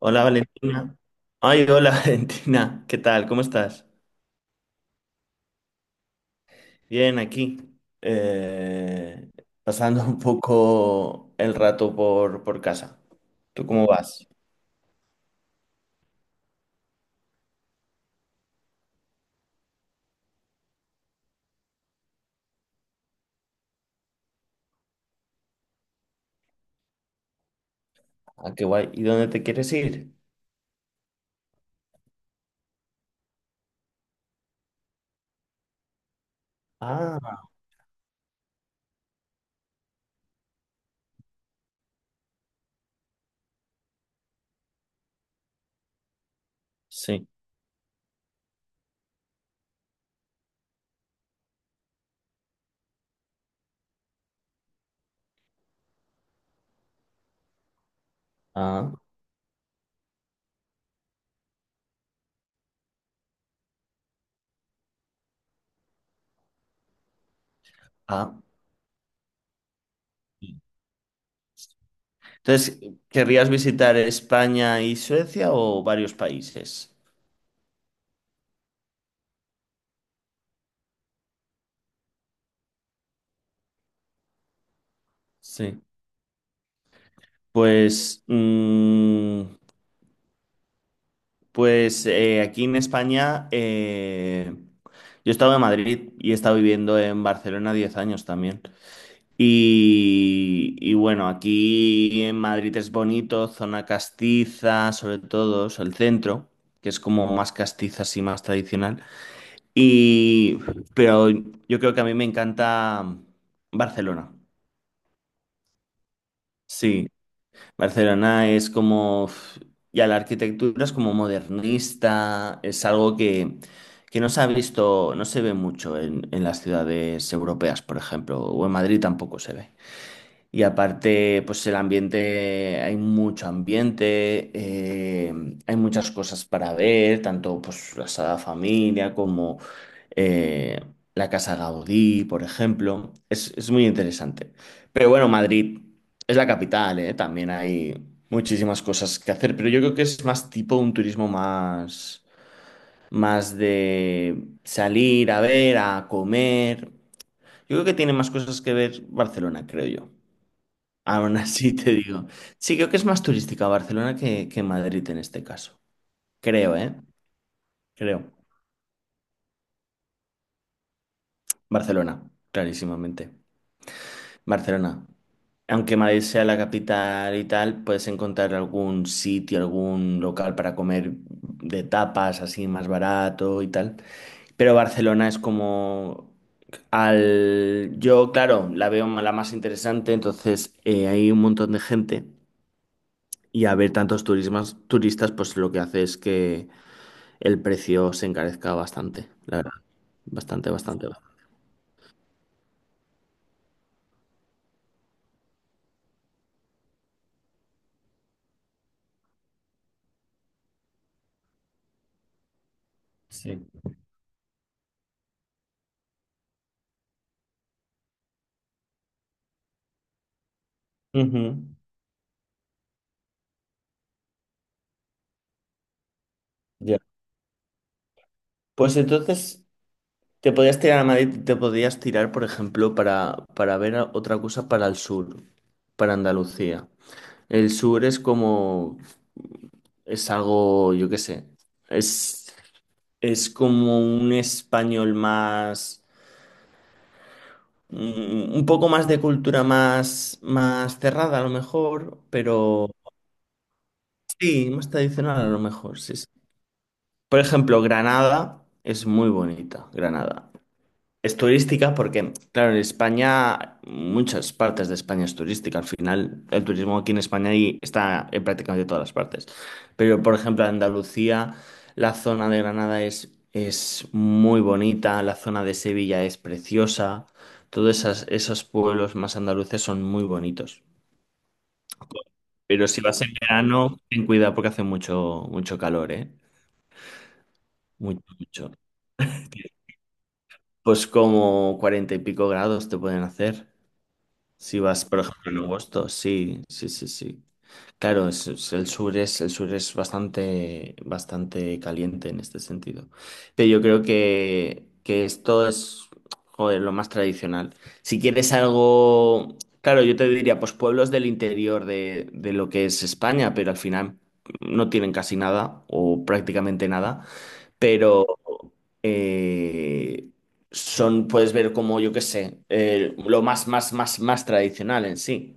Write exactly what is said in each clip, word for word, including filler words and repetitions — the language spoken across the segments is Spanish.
Hola Valentina. Ay, hola Valentina. ¿Qué tal? ¿Cómo estás? Bien, aquí. Eh, pasando un poco el rato por, por casa. ¿Tú cómo vas? Ah, qué guay. ¿Y dónde te quieres ir? Ah, sí. Ah, ah. Entonces, ¿querrías visitar España y Suecia o varios países? Sí. Pues, mm, Pues eh, aquí en España, eh, yo he estado en Madrid y he estado viviendo en Barcelona diez años también. Y, y bueno, aquí en Madrid es bonito, zona castiza, sobre todo, o sea, el centro, que es como más castiza, así más tradicional. Y, pero yo creo que a mí me encanta Barcelona. Sí. Barcelona es como, ya la arquitectura es como modernista, es algo que, que no se ha visto, no se ve mucho en, en las ciudades europeas, por ejemplo, o en Madrid tampoco se ve. Y aparte, pues el ambiente, hay mucho ambiente, eh, hay muchas cosas para ver, tanto pues la Sagrada Familia como eh, la Casa Gaudí, por ejemplo. Es, es muy interesante. Pero bueno, Madrid es la capital, ¿eh? También hay muchísimas cosas que hacer, pero yo creo que es más tipo un turismo más, más de salir a ver, a comer. Yo creo que tiene más cosas que ver Barcelona, creo yo. Aún así te digo. Sí, creo que es más turística Barcelona que, que Madrid en este caso. Creo, ¿eh? Creo. Barcelona, clarísimamente. Barcelona. Aunque Madrid sea la capital y tal, puedes encontrar algún sitio, algún local para comer de tapas así más barato y tal. Pero Barcelona es como al... yo, claro, la veo la más interesante, entonces eh, hay un montón de gente y a ver tantos turismas, turistas, pues lo que hace es que el precio se encarezca bastante, la verdad. Bastante, bastante. Bastante. Sí. Ujú. Ya. Pues entonces te podías tirar a Madrid, te podías tirar, por ejemplo, para, para ver a- otra cosa para el sur, para Andalucía. El sur es como, es algo, yo qué sé, es, es como un español más, mm, un poco más de cultura más, más cerrada a lo mejor, pero sí, más tradicional a lo mejor, sí, sí. Por ejemplo, Granada es muy bonita, Granada. Es turística porque, claro, en España, muchas partes de España es turística. Al final, el turismo aquí en España y está en prácticamente todas las partes. Pero, por ejemplo, en Andalucía, la zona de Granada es, es muy bonita, la zona de Sevilla es preciosa. Todos esas- esos pueblos más andaluces son muy bonitos. Pero si vas en verano, ten cuidado porque hace mucho, mucho calor, ¿eh? Mucho, mucho. Pues como cuarenta y pico grados te pueden hacer. Si vas, por ejemplo, en agosto, sí, sí, sí, sí. Claro, es- es- el sur es, el sur es bastante, bastante caliente en este sentido. Pero yo creo que, que esto es, joder, lo más tradicional. Si quieres algo, claro, yo te diría, pues pueblos del interior de, de lo que es España, pero al final no tienen casi nada o prácticamente nada pero eh, son, puedes ver como, yo qué sé, eh, lo más, más, más, más tradicional en sí.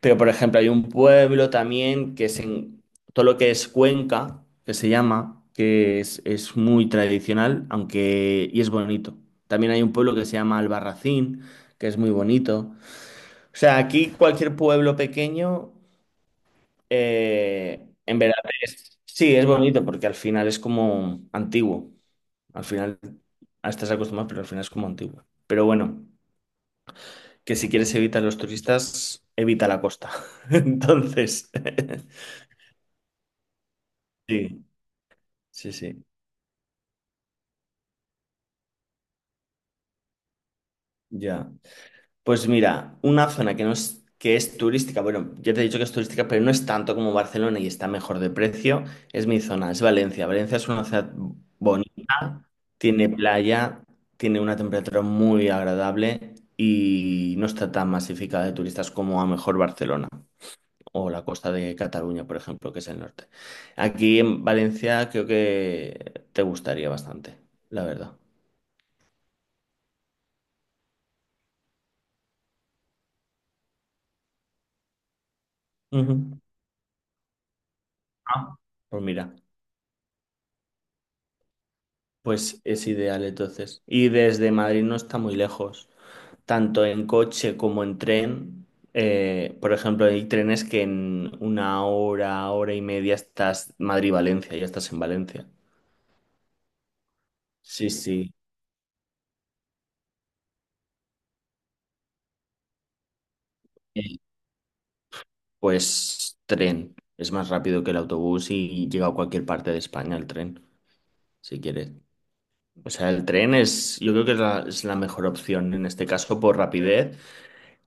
Pero, por ejemplo, hay un pueblo también que es en todo lo que es Cuenca, que se llama, que es, es muy tradicional, aunque, y es bonito. También hay un pueblo que se llama Albarracín, que es muy bonito. O sea, aquí cualquier pueblo pequeño, eh, en verdad, es, sí, es bonito porque al final es como antiguo. Al final ah, estás acostumbrado, pero al final es como antiguo. Pero bueno, que si quieres evitar los turistas, evita la costa. Entonces, sí, sí, sí, ya. Pues mira, una zona que no es, que es turística, bueno, ya te he dicho que es turística, pero no es tanto como Barcelona y está mejor de precio, es mi zona, es Valencia. Valencia es una ciudad bonita, tiene playa, tiene una temperatura muy agradable y no está tan masificada de turistas como a lo mejor Barcelona o la costa de Cataluña, por ejemplo, que es el norte. Aquí en Valencia creo que te gustaría bastante, la verdad. Ujú. Ah, pues mira, pues es ideal entonces. Y desde Madrid no está muy lejos, tanto en coche como en tren. Eh, por ejemplo, hay trenes que en una hora, hora y media estás Madrid-Valencia, ya estás en Valencia. Sí, sí. Eh, Pues tren. Es más rápido que el autobús y llega a cualquier parte de España el tren. Si quieres. O sea, el tren es, yo creo que es la, es la mejor opción en este caso por rapidez,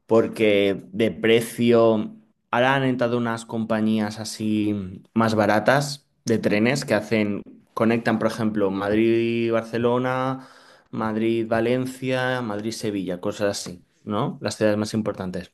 porque de precio, ahora han entrado unas compañías así más baratas de trenes que hacen, conectan, por ejemplo, Madrid-Barcelona, Madrid-Valencia, Madrid-Sevilla, cosas así, ¿no? Las ciudades más importantes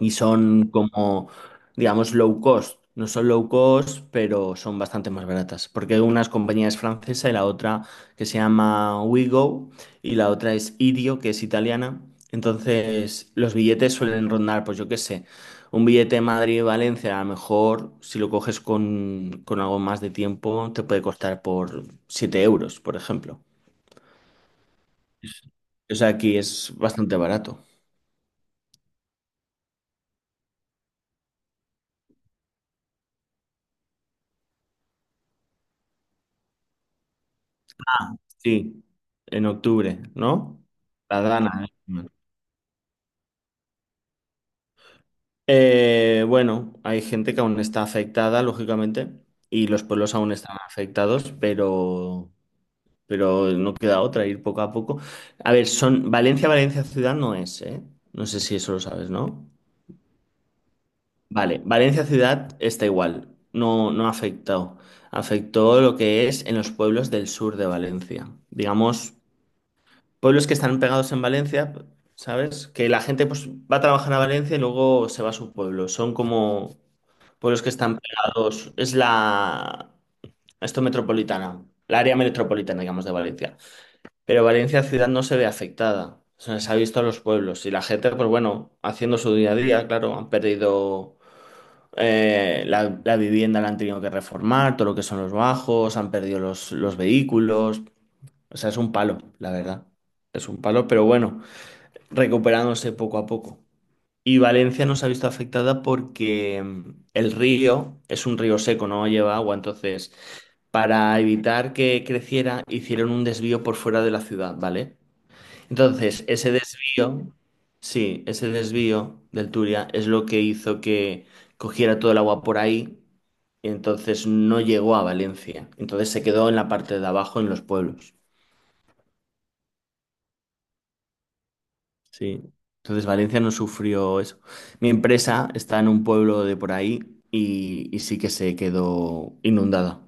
y son como, digamos, low cost. No son low cost, pero son bastante más baratas, porque una es compañía es francesa y la otra que se llama WeGo y la otra es Idio, que es italiana. Entonces, los billetes suelen rondar, pues yo qué sé, un billete Madrid-Valencia, a lo mejor si lo coges con, con algo más de tiempo, te puede costar por siete euros, por ejemplo. O sea, aquí es bastante barato. Sí, en octubre, ¿no? La Dana, ¿eh? Eh, bueno, hay gente que aún está afectada, lógicamente, y los pueblos aún están afectados, pero, pero no queda otra, ir poco a poco. A ver, son Valencia, Valencia ciudad no es, ¿eh? No sé si eso lo sabes, ¿no? Vale, Valencia ciudad está igual, no, no ha afectado. Afectó lo que es en los pueblos del sur de Valencia. Digamos, pueblos que están pegados en Valencia, ¿sabes? Que la gente pues, va a trabajar a Valencia y luego se va a su pueblo. Son como pueblos que están pegados, es la, esto metropolitana, la área metropolitana, digamos, de Valencia. Pero Valencia ciudad no se ve afectada, se les ha visto a los pueblos y la gente, pues bueno, haciendo su día a día, claro, han perdido eh, la, la vivienda, la han tenido que reformar, todo lo que son los bajos, han perdido los, los vehículos, o sea, es un palo, la verdad, es un palo, pero bueno, recuperándose poco a poco. Y Valencia no se ha visto afectada porque mm, el río es un río seco, no lleva agua. Entonces, para evitar que creciera, hicieron un desvío por fuera de la ciudad, ¿vale? Entonces, ese desvío, sí, ese desvío del Turia es lo que hizo que cogiera todo el agua por ahí. Y entonces no llegó a Valencia. Entonces se quedó en la parte de abajo, en los pueblos. Sí. Entonces Valencia no sufrió eso. Mi empresa está en un pueblo de por ahí y, y sí que se quedó inundada.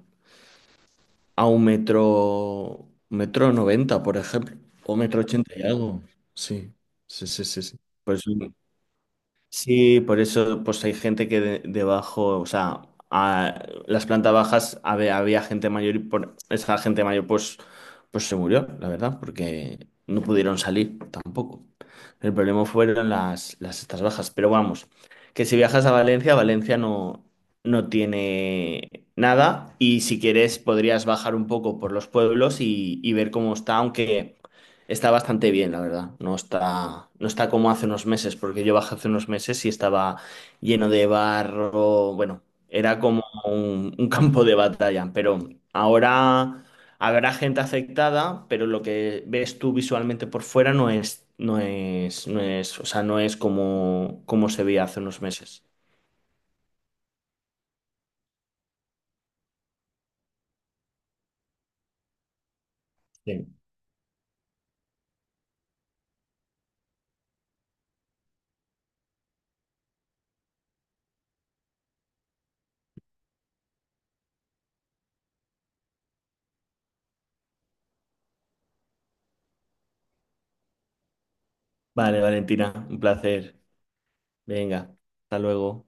A un metro, metro noventa, por ejemplo, o metro ochenta y algo. Sí, sí, sí, sí, sí. Pues sí, por eso pues hay gente que de- debajo, o sea, a- las plantas bajas había, había gente mayor y por esa gente mayor pues, pues se murió, la verdad, porque no pudieron salir tampoco. El problema fueron las, las estas bajas, pero vamos, que si viajas a Valencia, Valencia no, no tiene nada y si quieres podrías bajar un poco por los pueblos y, y ver cómo está, aunque... Está bastante bien, la verdad. No está, no está como hace unos meses, porque yo bajé hace unos meses y estaba lleno de barro. Bueno, era como un, un campo de batalla. Pero ahora habrá gente afectada, pero lo que ves tú visualmente por fuera no es, no es, no es, o sea, no es como, como se veía hace unos meses. Bien. Vale, Valentina, un placer. Venga, hasta luego.